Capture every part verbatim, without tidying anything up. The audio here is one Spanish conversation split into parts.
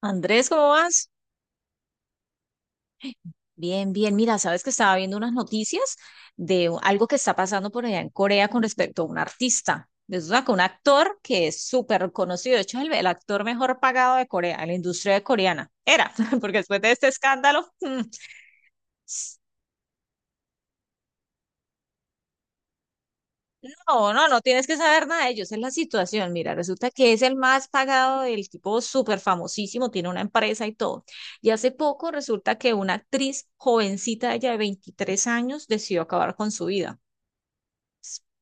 Andrés, ¿cómo vas? Bien, bien. Mira, sabes que estaba viendo unas noticias de u- algo que está pasando por allá en Corea con respecto a un artista. Resulta que un actor que es súper conocido, de hecho, es el, el actor mejor pagado de Corea, en la industria coreana. Era, porque después de este escándalo, mm, no, no, no tienes que saber nada de ellos. Es la situación. Mira, resulta que es el más pagado, el tipo súper famosísimo, tiene una empresa y todo. Y hace poco resulta que una actriz jovencita, ella de veintitrés años, decidió acabar con su vida.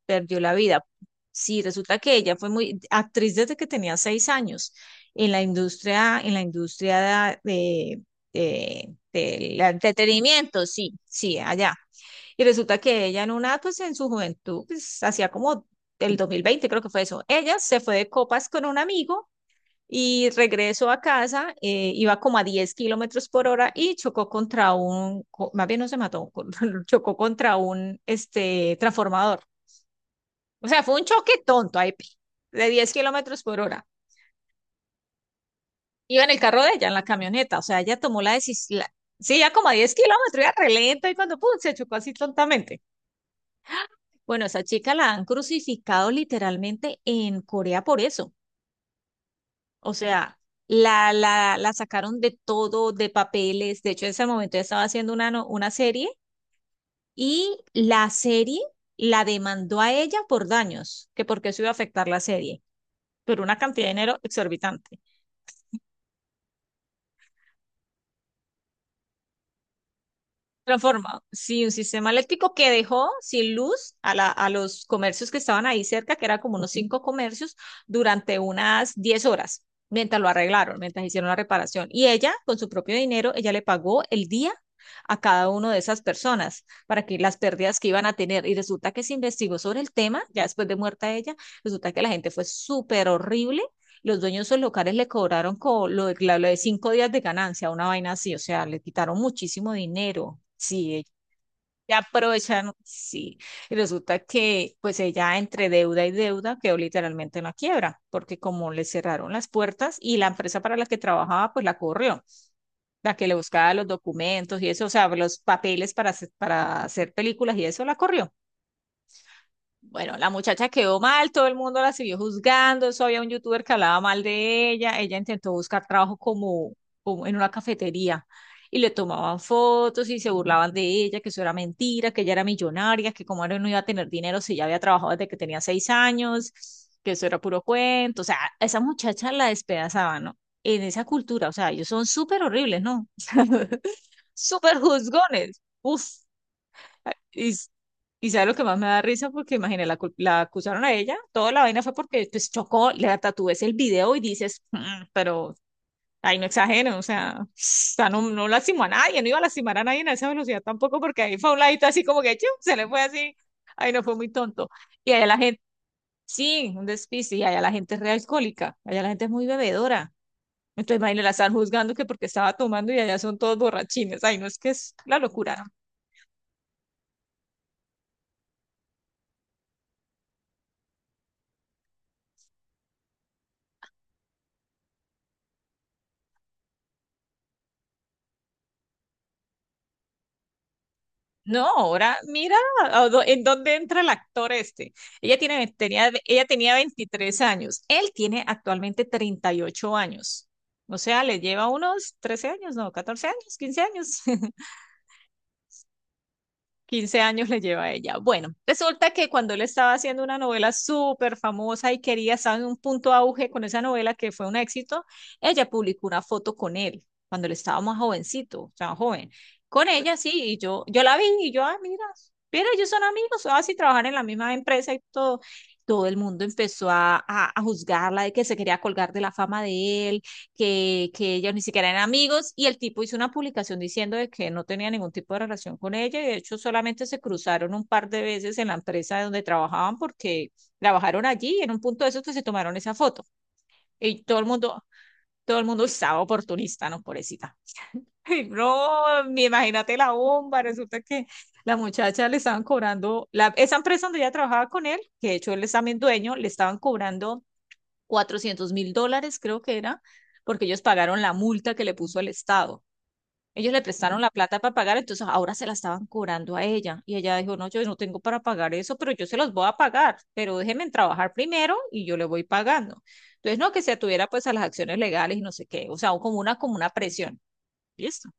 perdió la vida. Sí, resulta que ella fue muy actriz desde que tenía seis años en la industria, en la industria de, de- del entretenimiento, sí, sí, allá. Y resulta que ella en una, pues en su juventud, pues hacía como el dos mil veinte, creo que fue eso. Ella se fue de copas con un amigo y regresó a casa, eh, iba como a diez kilómetros por hora y chocó contra un, co- más bien no se mató, chocó contra un este, transformador. O sea, fue un choque tonto ahí, de diez kilómetros por hora. Iba en el carro de ella, en la camioneta. O sea, ella tomó la decisión. Sí, ya como a diez kilómetros, iba re lento y cuando pum, se chocó así tontamente. Bueno, esa chica la han crucificado literalmente en Corea por eso. O sea, la, la, la sacaron de todo, de papeles. De hecho, en ese momento ella estaba haciendo una, no- una serie y la serie la demandó a ella por daños, que porque eso iba a afectar la serie, pero una cantidad de dinero exorbitante. Transforma, sí, un sistema eléctrico que dejó sin luz a, la- a los comercios que estaban ahí cerca, que era como unos cinco comercios, durante unas diez horas, mientras lo arreglaron, mientras hicieron la reparación. Y ella, con su propio dinero, ella le pagó el día a cada una de esas personas para que las pérdidas que iban a tener. Y resulta que se investigó sobre el tema, ya después de muerta ella, resulta que la gente fue súper horrible los dueños de esos locales le cobraron co- lo de, la- lo de cinco días de ganancia, una vaina así, o sea, le quitaron muchísimo dinero. Sí, ella- ya aprovechan, sí. Y resulta que pues ella entre deuda y deuda quedó literalmente en la quiebra, porque como le cerraron las puertas y la empresa para la que trabajaba pues la corrió, la que le buscaba los documentos y eso, o sea, los papeles para hacer, para hacer, películas y eso la corrió. Bueno, la muchacha quedó mal, todo el mundo la siguió juzgando, eso había un youtuber que hablaba mal de ella, ella intentó buscar trabajo como, como en una cafetería y le tomaban fotos y se burlaban de ella, que eso era mentira, que ella era millonaria, que como era no iba a tener dinero si ya había trabajado desde que tenía seis años, que eso era puro cuento, o sea, a esa muchacha la despedazaban, ¿no? En esa cultura, o sea, ellos son súper horribles, ¿no? Súper juzgones. Uf, y, s- y sabe lo que más me da risa, porque imagina, la, cul- la acusaron a ella, toda la vaina fue porque pues chocó, le tatúes el video y dices, "Mm, pero ahí no exageren, o sea, o sea, no, no lastimó a nadie, no iba a lastimar a nadie en esa velocidad tampoco, porque ahí fue a un ladito así como que, chu, se le fue así, ahí no fue muy tonto. Y allá la gente, sí, un despiste, y allá la gente es re alcohólica, allá la gente es muy bebedora. Entonces, imagínate, la están juzgando que porque estaba tomando y allá son todos borrachines. Ay, no, es que es la locura. No, ahora mira a dó- en dónde entra el actor este. Ella tiene, ve- tenía, ella tenía veintitrés años, él tiene actualmente treinta y ocho años. O sea, le lleva unos trece años, no, catorce años, quince años. Quince años le lleva a ella. Bueno, resulta que cuando él estaba haciendo una novela súper famosa y quería estar en un punto auge con esa novela que fue un éxito, ella publicó una foto con él cuando él estaba más jovencito, o sea, joven. Con ella sí, y yo, yo la vi y yo, ah, mira, mira, ellos son amigos, así trabajan en la misma empresa y todo. Todo el mundo empezó a, a, a juzgarla de que se quería colgar de la fama de él, que, que ellos ni siquiera eran amigos y el tipo hizo una publicación diciendo de que no tenía ningún tipo de relación con ella y de hecho solamente se cruzaron un par de veces en la empresa donde trabajaban porque trabajaron allí y en un punto de esos que se tomaron esa foto y todo el mundo, todo el mundo estaba oportunista, ¿no? Pobrecita. Ay, No, ni imagínate la bomba, resulta que la muchacha le estaban cobrando, la, esa empresa donde ella trabajaba con él, que de hecho él es también dueño, le estaban cobrando Cuatrocientos mil dólares, creo que era, porque ellos pagaron la multa que le puso el Estado. Ellos le prestaron la plata para pagar, entonces ahora se la estaban cobrando a ella. Y ella dijo, no, yo no tengo para pagar eso, pero yo se los voy a pagar, pero déjenme trabajar primero y yo le voy pagando. Entonces, no, que se atuviera pues a las acciones legales y no sé qué, o sea, como una, como una presión. Listo.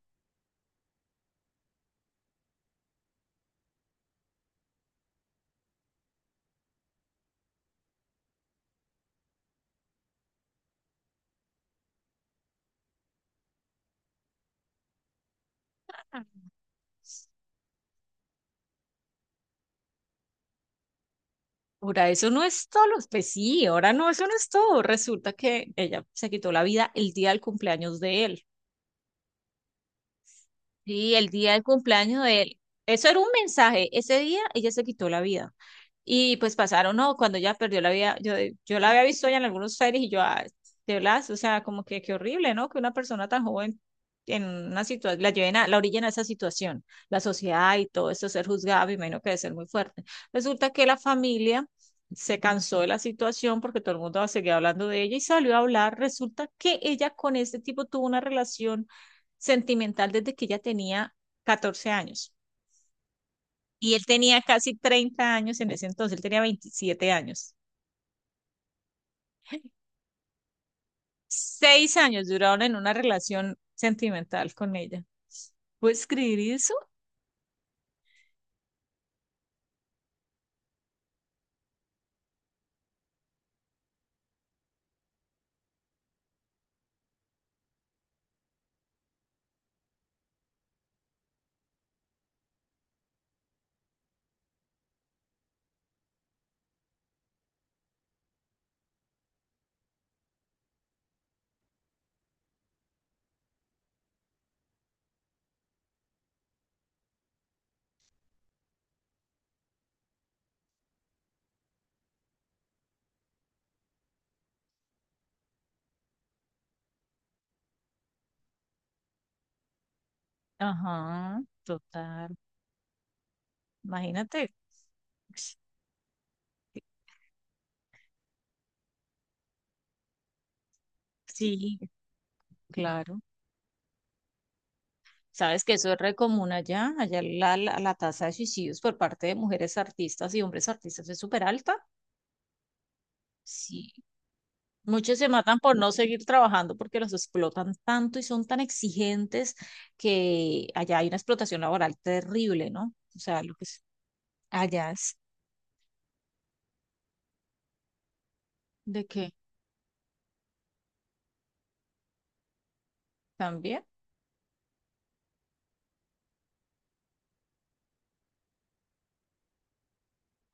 Ahora eso no es todo, pues sí, ahora no, eso no es todo. Resulta que ella se quitó la vida el día del cumpleaños de él. Sí, el día del cumpleaños de él. Eso era un mensaje. Ese día ella se quitó la vida. Y pues pasaron, no, cuando ella perdió la vida, yo, yo la había visto ya en algunos series y yo, ah, de verdad, o sea, como que qué horrible, ¿no? Que una persona tan joven en una situación, la lleven a, la orillen a esa situación, la sociedad y todo eso, ser juzgada, me imagino que debe ser muy fuerte. Resulta que la familia se cansó de la situación porque todo el mundo seguía hablando de ella y salió a hablar. Resulta que ella con este tipo tuvo una relación sentimental desde que ella tenía catorce años y él tenía casi treinta años en ese entonces, él tenía veintisiete años. Seis años duraron en una relación sentimental con ella. ¿Puedes escribir eso? Ajá, total. Imagínate. Sí, claro. Sabes que eso es re común allá. Allá la, la, la tasa de suicidios por parte de mujeres artistas y hombres artistas es súper alta. Sí, Muchos se matan por no seguir trabajando porque los explotan tanto y son tan exigentes que allá hay una explotación laboral terrible, ¿no? O sea, lo que es allá es de qué también.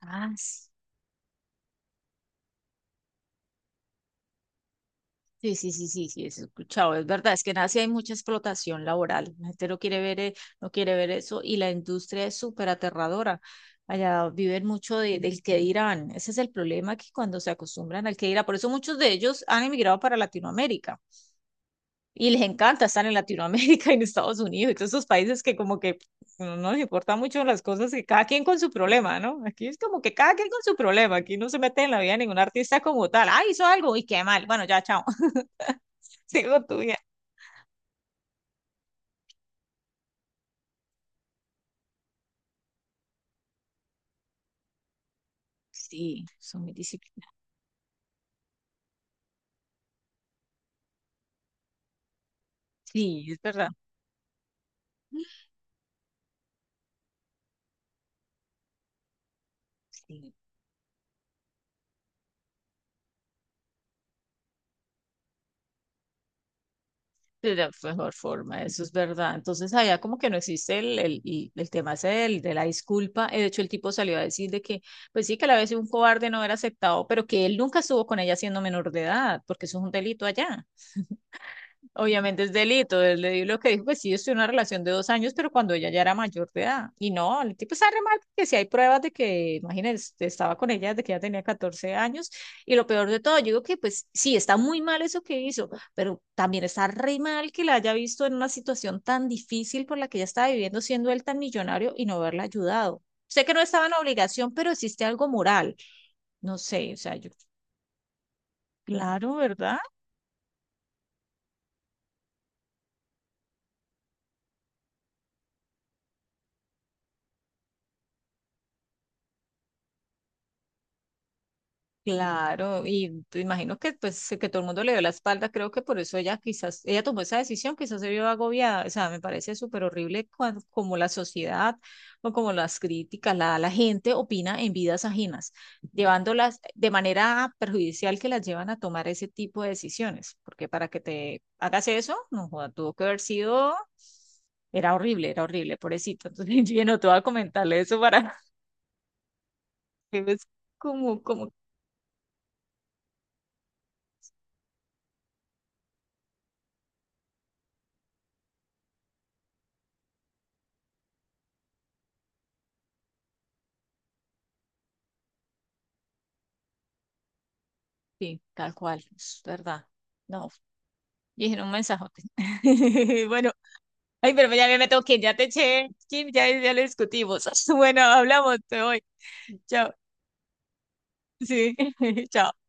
Ah, sí, sí, sí, sí, sí, sí, eso he escuchado, es verdad, es que en Asia hay mucha explotación laboral, la gente no quiere ver, eh, no quiere ver eso y la industria es súper aterradora. Allá viven mucho de- del que dirán, ese es el problema que cuando se acostumbran al que dirán, por eso muchos de ellos han emigrado para Latinoamérica Y les encanta estar en Latinoamérica y en Estados Unidos y todos esos países que como que no nos importan mucho las cosas que cada quien con su problema, ¿no? Aquí es como que cada quien con su problema, aquí no se mete en la vida de ningún artista como tal. Ah, hizo algo y qué mal. Bueno, ya, chao. Sigo tuya. Sí, son mi disciplina. Sí, es verdad. Sí. De la mejor forma, eso es verdad. Entonces, allá como que no existe el, el, el- el tema ese del- de la disculpa. Eh, De hecho, el tipo salió a decir de que, pues sí, que a la vez un cobarde no era aceptado, pero que él nunca estuvo con ella siendo menor de edad, porque eso es un delito allá. Obviamente es delito. Él le dijo lo que dijo, pues sí, yo estoy en una relación de dos años, pero cuando ella ya era mayor de edad. Y no, el tipo está re mal porque si hay pruebas de que, imagínense, estaba con ella desde que ella tenía catorce años. Y lo peor de todo, yo digo que pues sí, está muy mal eso que hizo, pero también está re mal que la haya visto en una situación tan difícil por la que ella estaba viviendo, siendo él tan millonario y no haberla ayudado. Sé que no estaba en obligación, pero existe algo moral. No sé, o sea, yo, claro, ¿verdad? Claro, y te imagino que pues que todo el mundo le dio la espalda, creo que por eso ella quizás, ella tomó esa decisión, quizás se vio agobiada, o sea, me parece súper horrible cuando, como la sociedad o como las críticas, la, la gente opina en vidas ajenas, llevándolas de manera perjudicial que las llevan a tomar ese tipo de decisiones, porque para que te hagas eso, no joda, tuvo que haber sido, era horrible, era horrible, pobrecito, entonces yo no te voy a comentarle eso para que ves como, como, sí, tal cual, es verdad. No, Y dije, un mensajote. Bueno, ay, pero ya me tengo que ir, ya te eché, Kim, ya, ya lo discutimos. Bueno, hablamos, te voy. Chao. Sí, chao.